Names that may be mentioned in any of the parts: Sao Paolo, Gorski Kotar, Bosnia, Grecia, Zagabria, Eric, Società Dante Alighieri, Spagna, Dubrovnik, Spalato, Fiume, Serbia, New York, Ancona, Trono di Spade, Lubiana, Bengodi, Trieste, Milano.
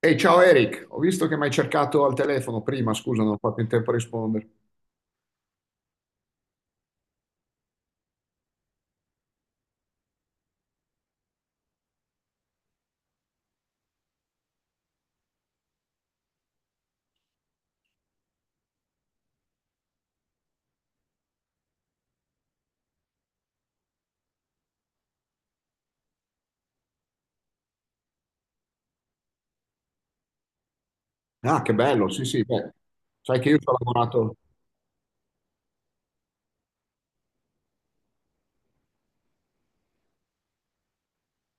Ehi, ciao Eric, ho visto che mi hai cercato al telefono prima, scusa, non ho fatto in tempo a rispondere. Ah, che bello, sì, sì, beh, sai che io ci ho lavorato.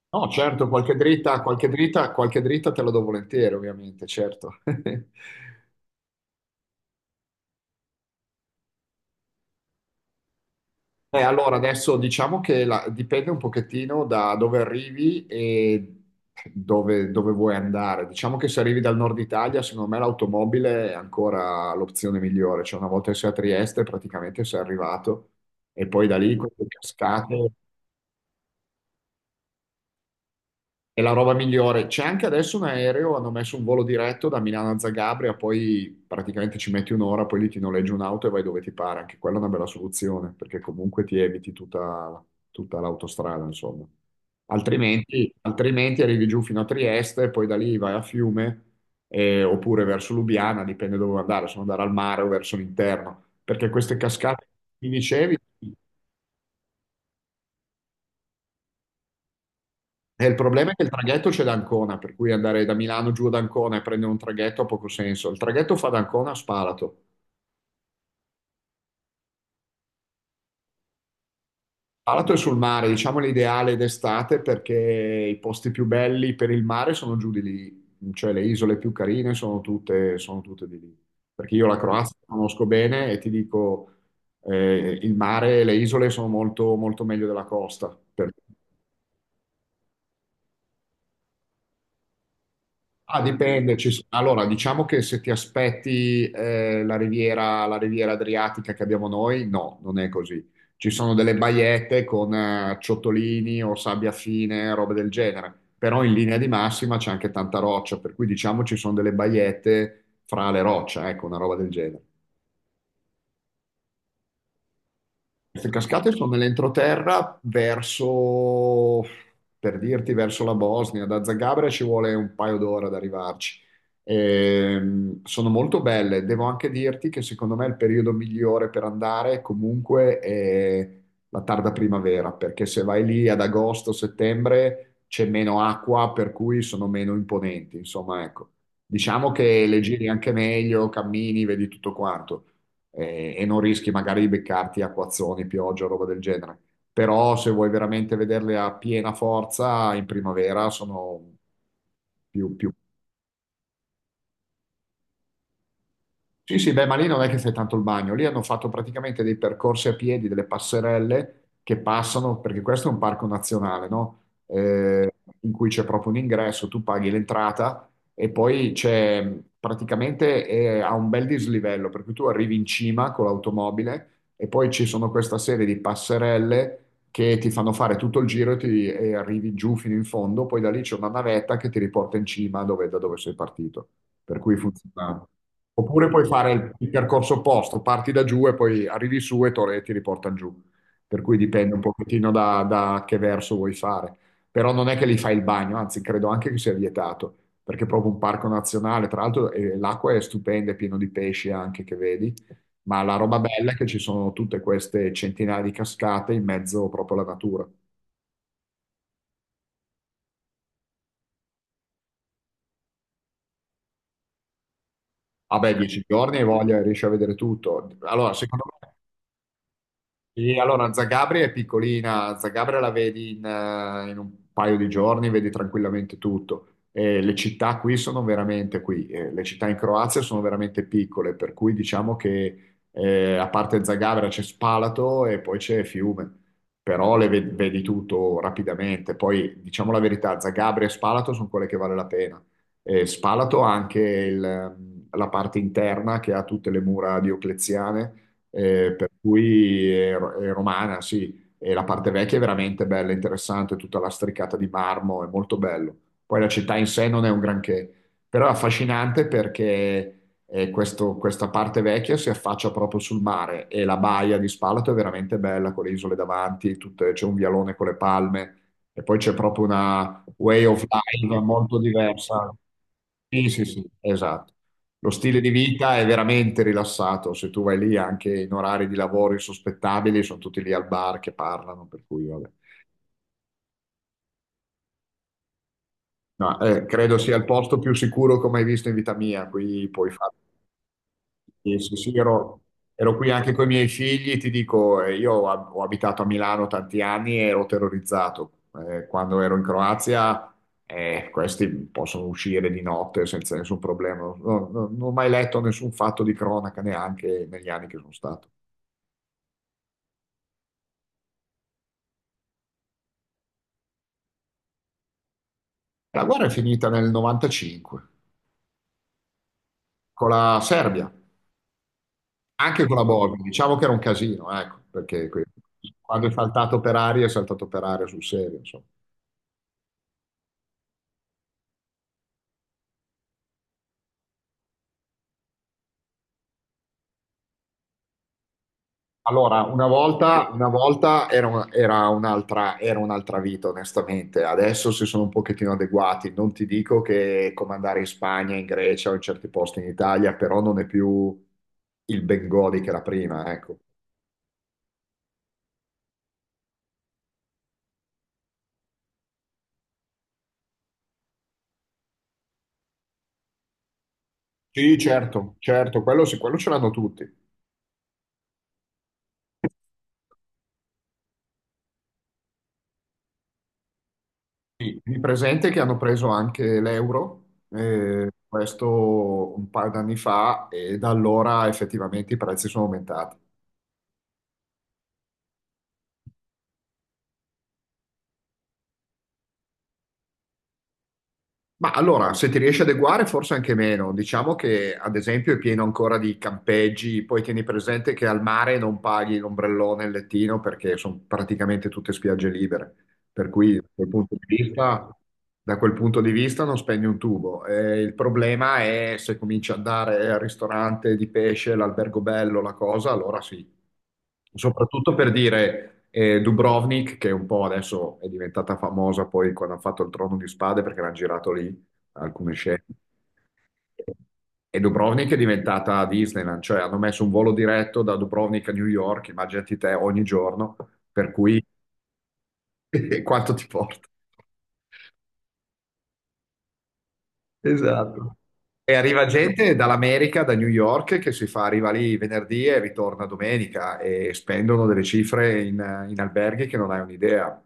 No, certo, qualche dritta, te la do volentieri, ovviamente, certo. Allora, adesso diciamo che dipende un pochettino da dove arrivi e dove vuoi andare. Diciamo che se arrivi dal nord Italia, secondo me l'automobile è ancora l'opzione migliore. Cioè, una volta che sei a Trieste, praticamente sei arrivato. E poi da lì con le cascate. È la roba migliore. C'è anche adesso un aereo, hanno messo un volo diretto da Milano a Zagabria, poi praticamente ci metti un'ora, poi lì ti noleggi un'auto e vai dove ti pare. Anche quella è una bella soluzione, perché comunque ti eviti tutta l'autostrada, insomma. Altrimenti, altrimenti arrivi giù fino a Trieste, poi da lì vai a Fiume, oppure verso Lubiana, dipende dove vuoi andare, se vuoi andare al mare o verso l'interno. Perché queste cascate, che mi dicevi, e il problema è che il traghetto c'è da Ancona, per cui andare da Milano giù ad Ancona e prendere un traghetto ha poco senso. Il traghetto fa da Ancona a Spalato. Spalato è sul mare, diciamo l'ideale d'estate perché i posti più belli per il mare sono giù di lì, cioè le isole più carine sono tutte di lì. Perché io la Croazia la conosco bene e ti dico, il mare e le isole sono molto, molto meglio della costa. Ah, dipende. Allora, diciamo che se ti aspetti la riviera Adriatica che abbiamo noi, no, non è così. Ci sono delle baiette con ciottolini o sabbia fine, robe del genere. Però in linea di massima c'è anche tanta roccia, per cui diciamo ci sono delle baiette fra le rocce, ecco, una roba del genere. Queste cascate sono nell'entroterra verso, per dirti, verso la Bosnia. Da Zagabria ci vuole un paio d'ore ad arrivarci. Sono molto belle. Devo anche dirti che secondo me il periodo migliore per andare comunque è la tarda primavera, perché se vai lì ad agosto, settembre c'è meno acqua, per cui sono meno imponenti. Insomma, ecco. Diciamo che le giri anche meglio, cammini, vedi tutto quanto e non rischi magari di beccarti acquazzoni, pioggia, roba del genere. Però se vuoi veramente vederle a piena forza in primavera sono più sì, sì, beh, ma lì non è che fai tanto il bagno, lì hanno fatto praticamente dei percorsi a piedi, delle passerelle che passano, perché questo è un parco nazionale, no? Eh, In cui c'è proprio un ingresso, tu paghi l'entrata e poi c'è praticamente ha un bel dislivello, per cui tu arrivi in cima con l'automobile e poi ci sono questa serie di passerelle che ti fanno fare tutto il giro e, e arrivi giù fino in fondo, poi da lì c'è una navetta che ti riporta in cima da dove sei partito, per cui funziona. Oppure puoi fare il percorso opposto, parti da giù e poi arrivi su e ti riportano giù. Per cui dipende un pochettino da, da che verso vuoi fare. Però non è che li fai il bagno, anzi credo anche che sia vietato, perché è proprio un parco nazionale, tra l'altro l'acqua è stupenda, è pieno di pesci anche che vedi, ma la roba bella è che ci sono tutte queste centinaia di cascate in mezzo proprio alla natura. Vabbè, dieci giorni e voglia, riesci a vedere tutto. Allora, secondo me sì, allora Zagabria è piccolina, Zagabria la vedi in, in un paio di giorni, vedi tranquillamente tutto. E le città qui sono veramente qui, le città in Croazia sono veramente piccole, per cui diciamo che a parte Zagabria c'è Spalato e poi c'è Fiume, però vedi tutto rapidamente. Poi diciamo la verità, Zagabria e Spalato sono quelle che vale la pena. E Spalato ha anche la parte interna che ha tutte le mura diocleziane per cui è romana, sì, e la parte vecchia è veramente bella, interessante, tutta lastricata di marmo, è molto bello. Poi la città in sé non è un granché, però è affascinante perché questa parte vecchia si affaccia proprio sul mare e la baia di Spalato è veramente bella con le isole davanti, c'è un vialone con le palme e poi c'è proprio una way of life molto diversa. Sì, sì, sì, esatto. Lo stile di vita è veramente rilassato. Se tu vai lì anche in orari di lavoro insospettabili, sono tutti lì al bar che parlano, per cui vabbè. No, credo sia il posto più sicuro come hai visto in vita mia. Qui puoi fare sì, sì, sì, ero qui anche con i miei figli, ti dico, io ho abitato a Milano tanti anni e ero terrorizzato. Quando ero in Croazia, questi possono uscire di notte senza nessun problema. Non ho mai letto nessun fatto di cronaca neanche negli anni che sono stato. La guerra è finita nel '95 con la Serbia, anche con la Bosnia. Diciamo che era un casino, ecco, perché quando è saltato per aria, è saltato per aria sul serio, allora, una volta era un'altra vita, onestamente. Adesso si sono un pochettino adeguati. Non ti dico che è come andare in Spagna, in Grecia o in certi posti in Italia, però non è più il Bengodi che era prima, ecco. Sì, certo, certo, quello sì, quello ce l'hanno tutti. Sì, mi presente che hanno preso anche l'euro, questo un paio d'anni fa, e da allora effettivamente i prezzi sono aumentati. Ma allora, se ti riesci ad adeguare, forse anche meno. Diciamo che, ad esempio, è pieno ancora di campeggi, poi tieni presente che al mare non paghi l'ombrellone e il lettino perché sono praticamente tutte spiagge libere. Per cui, da quel punto di vista, non spendi un tubo. Il problema è se cominci ad andare al ristorante di pesce, l'albergo bello, la cosa, allora sì. Soprattutto per dire Dubrovnik, che un po' adesso è diventata famosa poi quando hanno fatto il Trono di Spade perché l'hanno girato lì alcune scene. E Dubrovnik è diventata Disneyland, cioè hanno messo un volo diretto da Dubrovnik a New York, immaginati te ogni giorno, per cui quanto ti porta. E arriva gente dall'America, da New York, che si fa, arriva lì venerdì e ritorna domenica e spendono delle cifre in alberghi che non hai un'idea.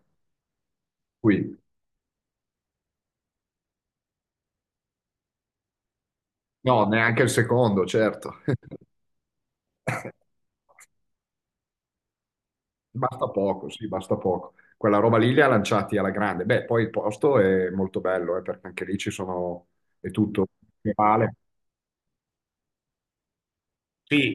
Qui, no, neanche il secondo, certo. Basta poco, sì, basta poco. Quella roba lì li ha lanciati alla grande. Beh, poi il posto è molto bello, perché anche lì ci sono, è tutto naturale.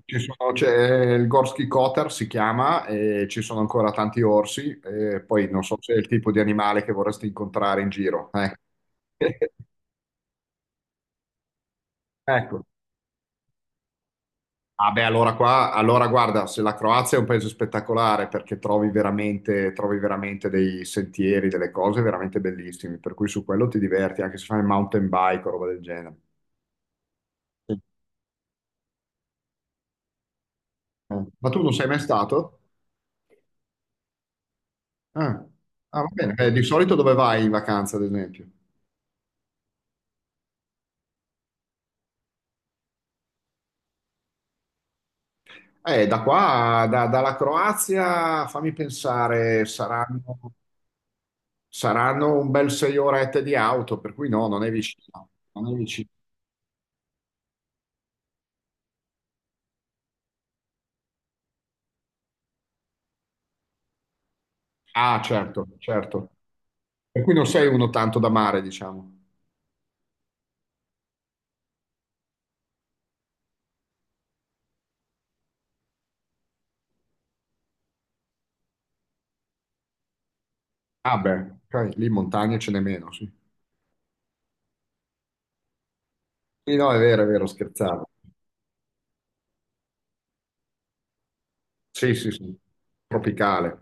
C'è il Gorski Kotar, si chiama, e ci sono ancora tanti orsi, e poi non so se è il tipo di animale che vorresti incontrare in giro. Ecco, ah beh, allora qua, allora guarda, se la Croazia è un paese spettacolare perché trovi veramente dei sentieri, delle cose veramente bellissime, per cui su quello ti diverti anche se fai mountain bike o roba del genere. Sì. Ma tu non sei mai stato? Ah, ah, va bene. Di solito dove vai in vacanza, ad esempio? Da qua, dalla Croazia, fammi pensare, saranno un bel 6 orette di auto, per cui no, non è vicino. Non è vicino. Ah, certo, certo. Per cui non sei uno tanto da mare, diciamo. Ah beh, ok, lì montagne ce n'è meno, sì. Sì, no, è vero, scherzavo. Sì, sì, sì. Tropicale.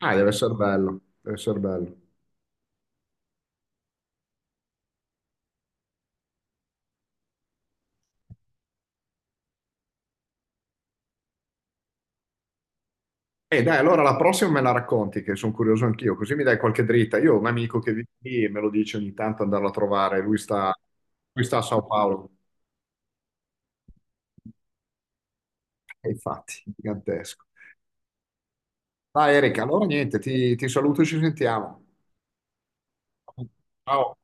Ah, deve essere bello, deve essere bello. E dai, allora la prossima me la racconti, che sono curioso anch'io, così mi dai qualche dritta. Io ho un amico che vive lì e me lo dice ogni tanto andarlo a trovare, lui sta a Sao Paolo. E infatti, gigantesco. Dai Erika, allora niente, ti saluto e ci sentiamo. Ciao.